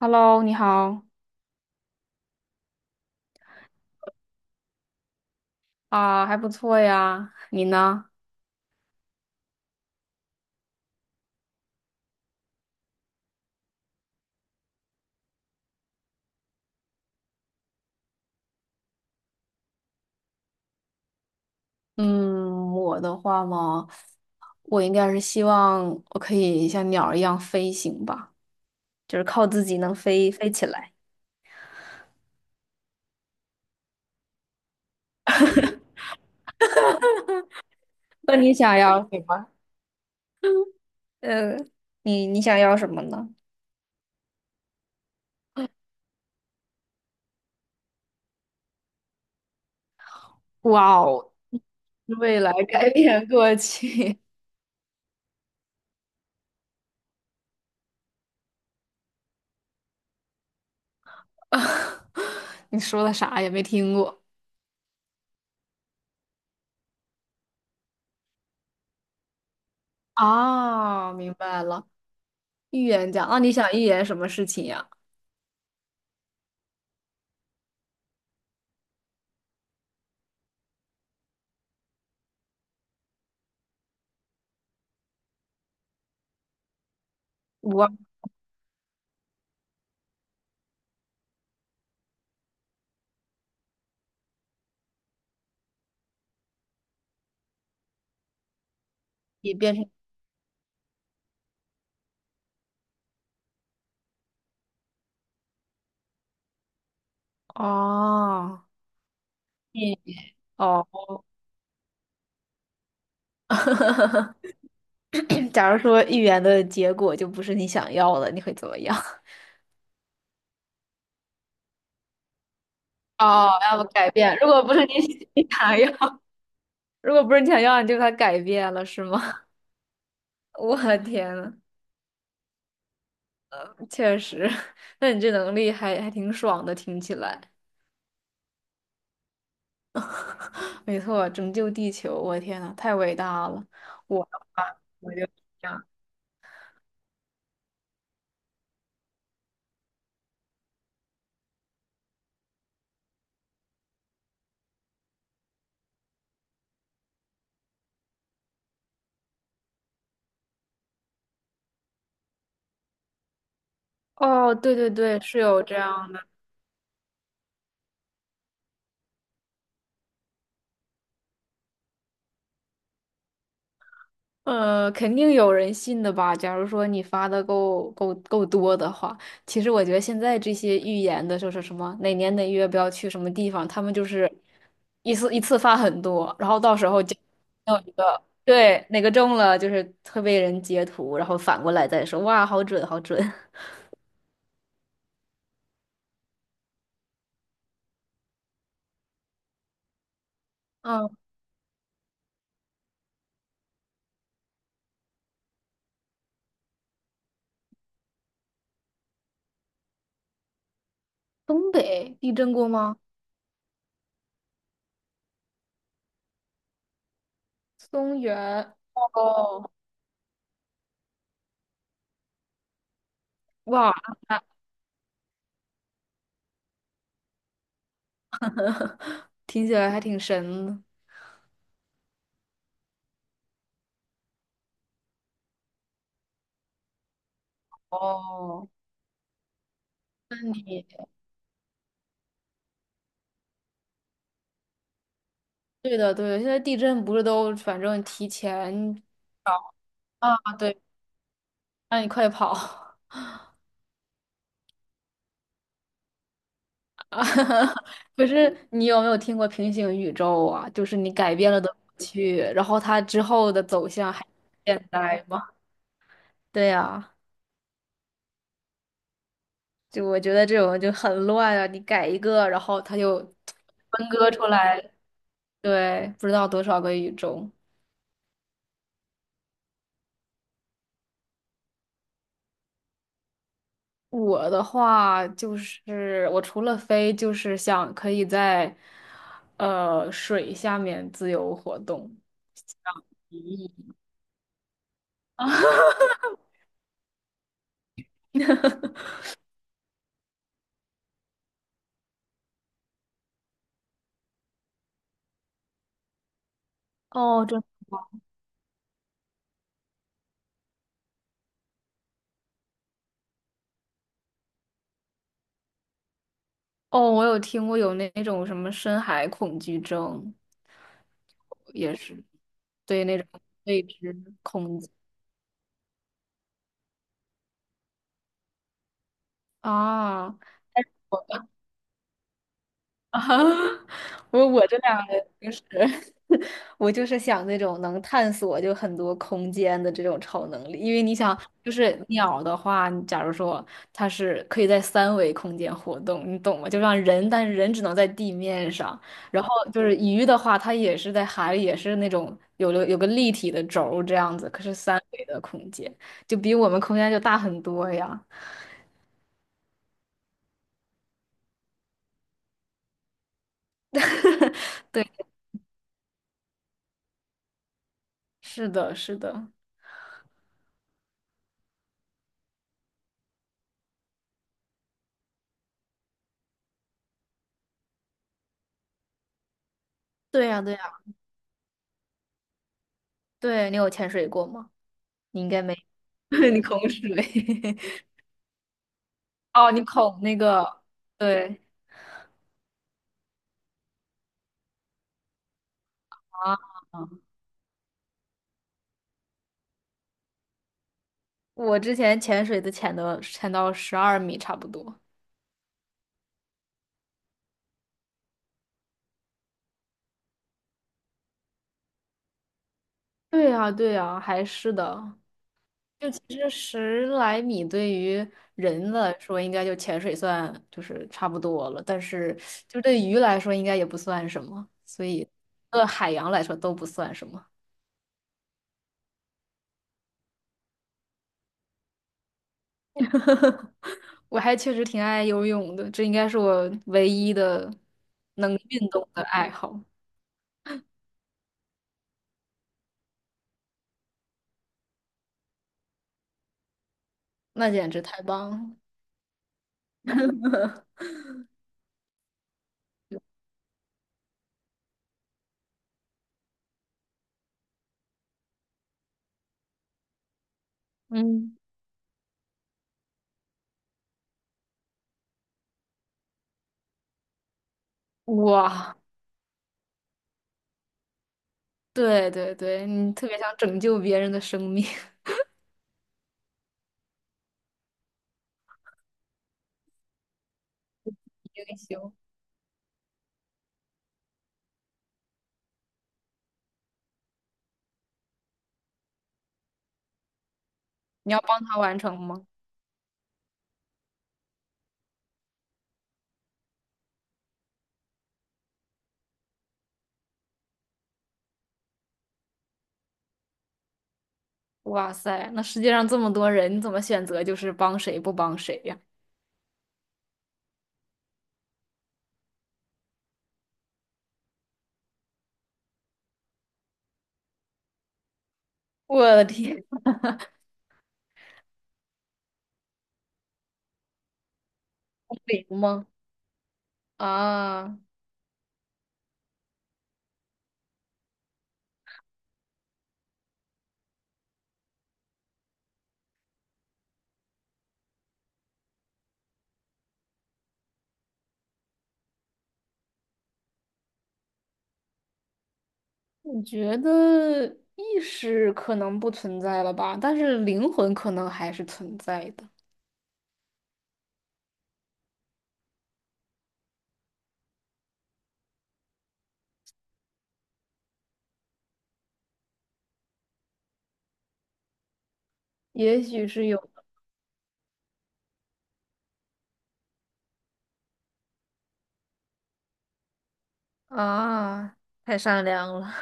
Hello，你好啊，还不错呀。你呢？嗯，我的话嘛，我应该是希望我可以像鸟儿一样飞行吧，就是靠自己能飞起来。那你想要 呃，你想要什么呢？哇哦，未来改变过去，你说的啥也没听过啊？明白了，预言家。那你想预言什么事情呀？我也变成哦。哦，假如说预言的结果就不是你想要的，你会怎么样？哦，要不改变？如果不是你 你想要，如果不是你想要，你就把它改变了，是吗？我的天呐，确实，那你这能力还挺爽的，听起来。没错，拯救地球，我的天呐，太伟大了！我的话，我就这样。哦，对对对，是有这样呃，肯定有人信的吧？假如说你发的够多的话，其实我觉得现在这些预言的，就是什么哪年哪月不要去什么地方，他们就是一次一次发很多，然后到时候就有一个对哪个中了，就是会被人截图，然后反过来再说，哇，好准，好准。嗯，东北地震过吗？松原哦，哇，听起来还挺神的。哦，那你？对的，对的，现在地震不是都反正提前啊，对，让你快跑 啊！可是你有没有听过平行宇宙啊？就是你改变了的过去，然后它之后的走向还是现在吗？对呀，就我觉得这种就很乱啊！你改一个，然后它就分割出来，对，不知道多少个宇宙。我的话就是，我除了飞，就是想可以在水下面自由活动。啊，哦，这哦，我有听过有那种什么深海恐惧症，也是对那种未知恐惧啊。啊，我这两个就是 我就是想那种能探索就很多空间的这种超能力，因为你想，就是鸟的话，你假如说它是可以在三维空间活动，你懂吗？就让人，但是人只能在地面上，然后就是鱼的话，它也是在海里，也是那种有了有个立体的轴这样子，可是三维的空间就比我们空间就大很多呀。对，是的，是的，对呀，对呀，对，你有潜水过吗？你应该没。你恐水 哦，你恐那个对啊，我之前潜水的潜的潜到12米差不多。对呀，对呀，还是的。就其实十来米对于人来说，应该就潜水算就是差不多了，但是就对鱼来说，应该也不算什么，所以对海洋来说都不算什么。我还确实挺爱游泳的，这应该是我唯一的能运动的爱好。那简直太棒了！嗯，哇，对对对，你特别想拯救别人的生命，英雄，你要帮他完成吗？哇塞，那世界上这么多人，你怎么选择就是帮谁不帮谁呀？我的天，通灵吗？啊，我觉得意识可能不存在了吧，但是灵魂可能还是存在的，也许是有的啊，太善良了，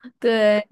对。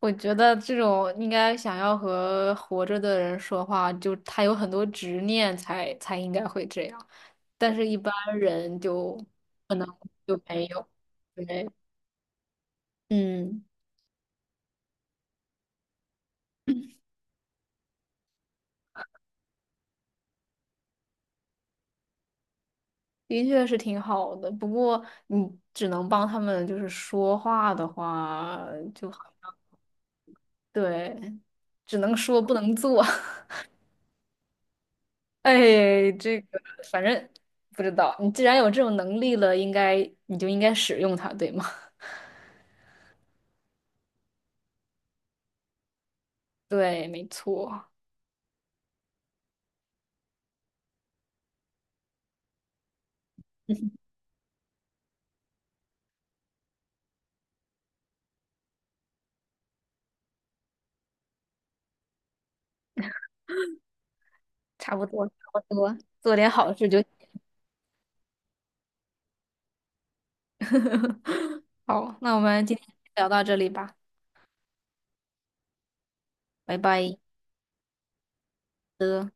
我觉得这种应该想要和活着的人说话，就他有很多执念才应该会这样，但是一般人就可能就没有。对，嗯，的确是挺好的，不过你只能帮他们就是说话的话，就好像对，只能说不能做。哎，这个反正不知道，你既然有这种能力了，应该你就应该使用它，对吗？对，没错。差不多，差不多，做点好事就行。好，那我们今天聊到这里吧，拜拜的。